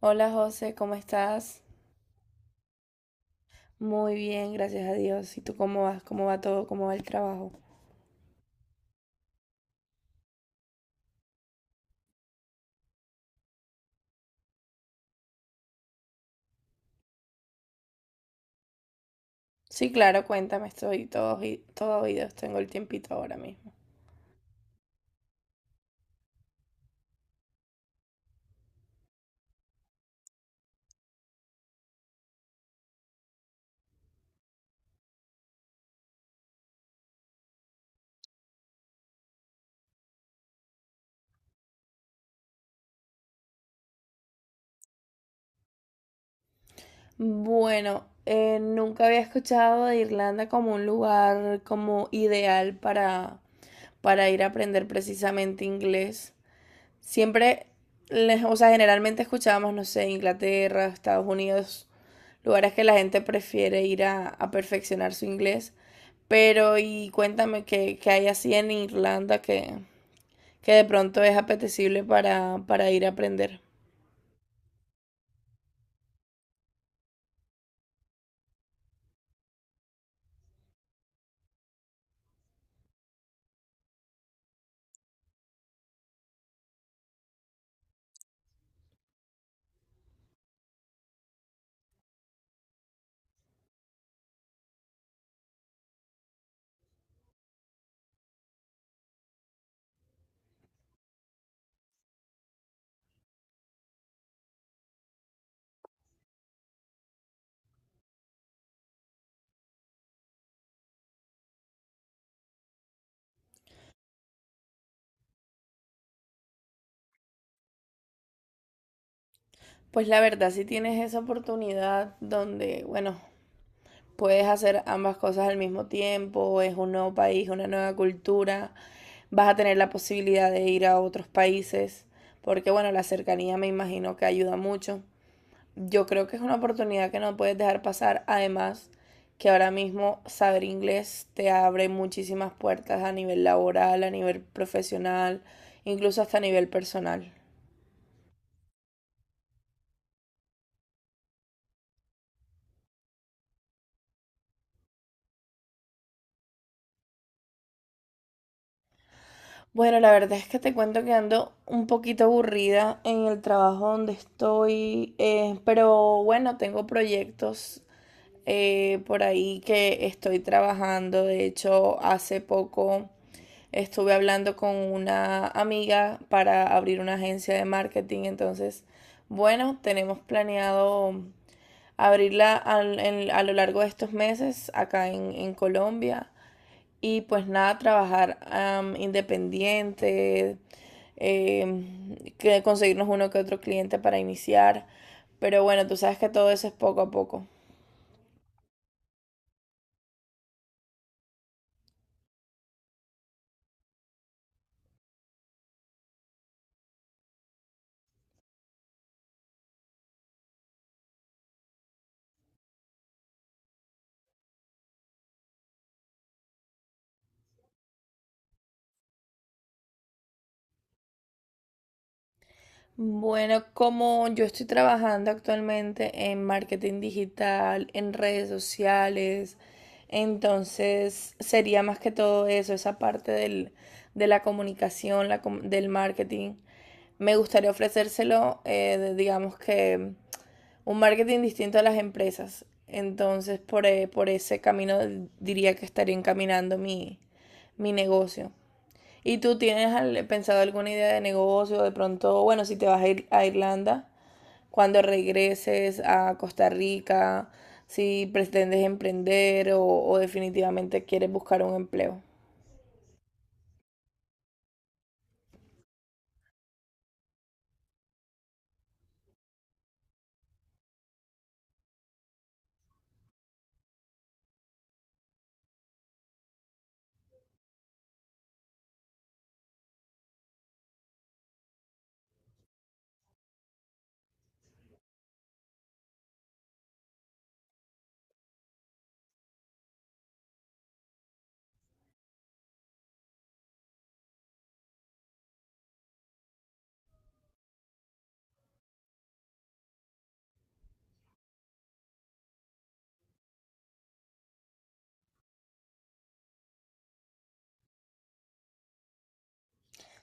Hola José, ¿cómo estás? Muy bien, gracias a Dios. ¿Y tú cómo vas? ¿Cómo va todo? ¿Cómo va el trabajo? Sí, claro, cuéntame, estoy todo oídos, tengo el tiempito ahora mismo. Bueno, nunca había escuchado de Irlanda como un lugar como ideal para ir a aprender precisamente inglés. Siempre, o sea, generalmente escuchábamos, no sé, Inglaterra, Estados Unidos, lugares que la gente prefiere ir a perfeccionar su inglés. Pero, y cuéntame qué hay así en Irlanda que de pronto es apetecible para ir a aprender. Pues la verdad, si tienes esa oportunidad donde, bueno, puedes hacer ambas cosas al mismo tiempo, es un nuevo país, una nueva cultura, vas a tener la posibilidad de ir a otros países, porque bueno, la cercanía me imagino que ayuda mucho. Yo creo que es una oportunidad que no puedes dejar pasar, además que ahora mismo saber inglés te abre muchísimas puertas a nivel laboral, a nivel profesional, incluso hasta a nivel personal. Bueno, la verdad es que te cuento que ando un poquito aburrida en el trabajo donde estoy, pero bueno, tengo proyectos por ahí que estoy trabajando. De hecho, hace poco estuve hablando con una amiga para abrir una agencia de marketing. Entonces, bueno, tenemos planeado a lo largo de estos meses acá en Colombia. Y pues nada, trabajar independiente, que conseguirnos uno que otro cliente para iniciar. Pero bueno, tú sabes que todo eso es poco a poco. Bueno, como yo estoy trabajando actualmente en marketing digital, en redes sociales, entonces sería más que todo eso, esa de la comunicación, la del marketing. Me gustaría ofrecérselo, digamos que un marketing distinto a las empresas. Entonces, por ese camino diría que estaría encaminando mi, mi negocio. ¿Y tú tienes pensado alguna idea de negocio? De pronto, bueno, si te vas a ir a Irlanda, cuando regreses a Costa Rica, si pretendes emprender o definitivamente quieres buscar un empleo.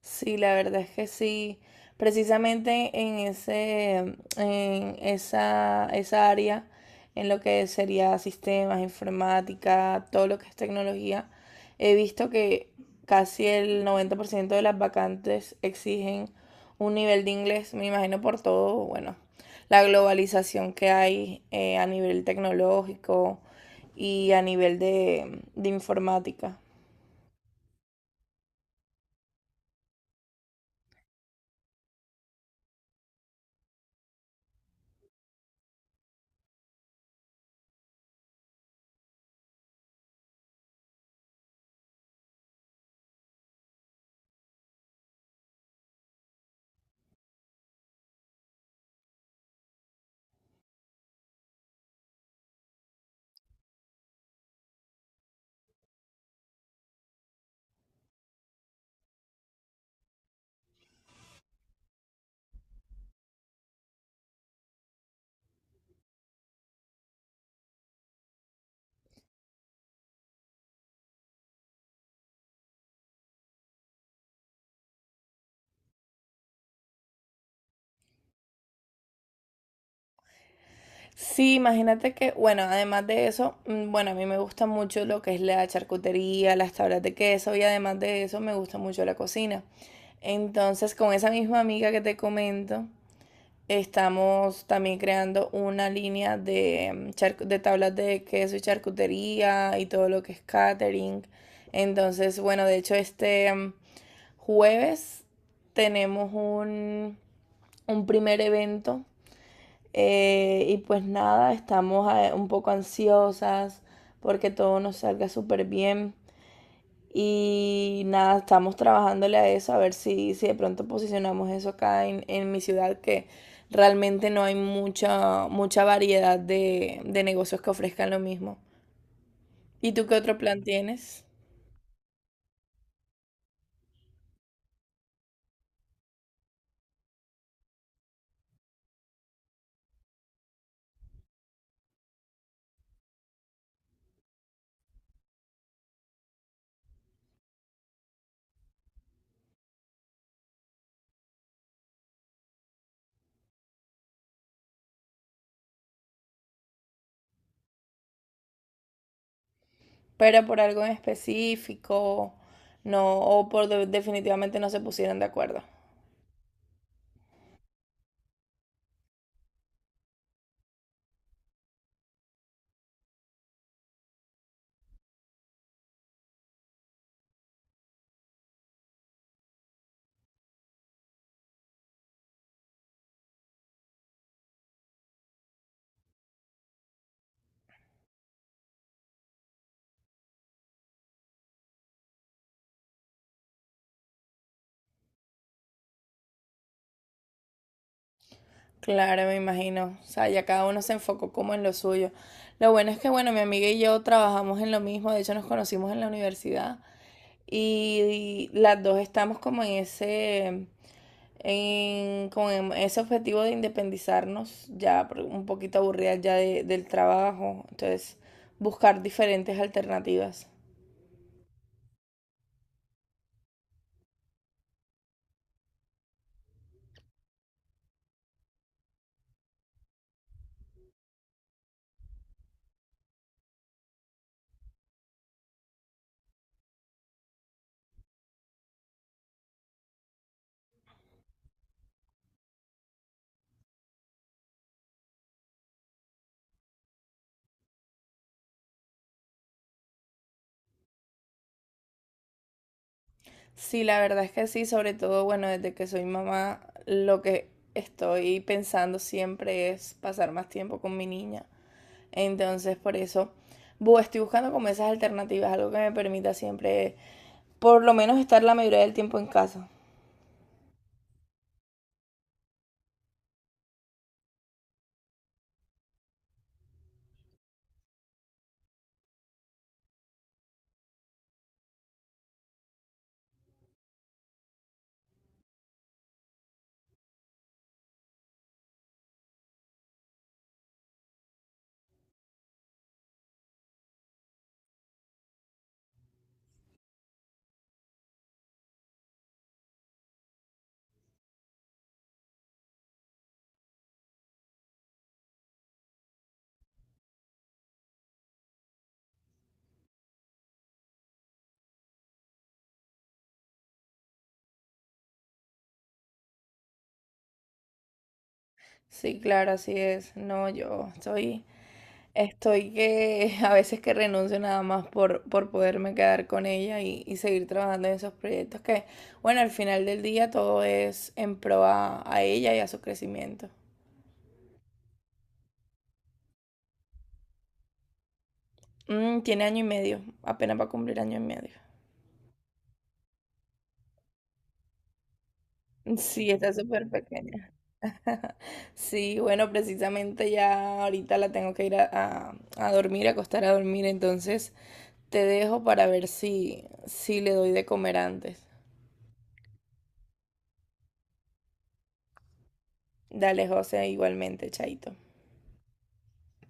Sí, la verdad es que sí. Precisamente en ese, en esa, esa área, en lo que sería sistemas, informática, todo lo que es tecnología, he visto que casi el 90% de las vacantes exigen un nivel de inglés, me imagino por todo, bueno, la globalización que hay a nivel tecnológico y a nivel de informática. Sí, imagínate que, bueno, además de eso, bueno, a mí me gusta mucho lo que es la charcutería, las tablas de queso y además de eso me gusta mucho la cocina. Entonces, con esa misma amiga que te comento, estamos también creando una línea de, de tablas de queso y charcutería y todo lo que es catering. Entonces, bueno, de hecho, jueves tenemos un primer evento y pues nada, estamos un poco ansiosas porque todo nos salga súper bien. Y nada, estamos trabajándole a eso, a ver si de pronto posicionamos eso acá en mi ciudad, que realmente no hay mucha variedad de negocios que ofrezcan lo mismo. ¿Y tú qué otro plan tienes? Pero por algo en específico, no, o por definitivamente no se pusieron de acuerdo. Claro, me imagino. O sea, ya cada uno se enfocó como en lo suyo. Lo bueno es que, bueno, mi amiga y yo trabajamos en lo mismo, de hecho nos conocimos en la universidad y, las dos estamos como en ese, en, como en ese objetivo de independizarnos, ya un poquito aburridas ya del trabajo, entonces buscar diferentes alternativas. Sí, la verdad es que sí, sobre todo, bueno, desde que soy mamá, lo que estoy pensando siempre es pasar más tiempo con mi niña. Entonces, por eso, estoy buscando como esas alternativas, algo que me permita siempre, por lo menos, estar la mayoría del tiempo en casa. Sí, claro, así es. No, estoy que a veces que renuncio nada más por poderme quedar con ella y seguir trabajando en esos proyectos que, bueno, al final del día todo es en pro a ella y a su crecimiento. Mm, tiene año y medio, apenas va a cumplir año y medio. Sí, está súper pequeña. Sí, bueno, precisamente ya ahorita la tengo que ir a dormir, a acostar a dormir, entonces te dejo para ver si le doy de comer antes. Dale, José, igualmente, chaito.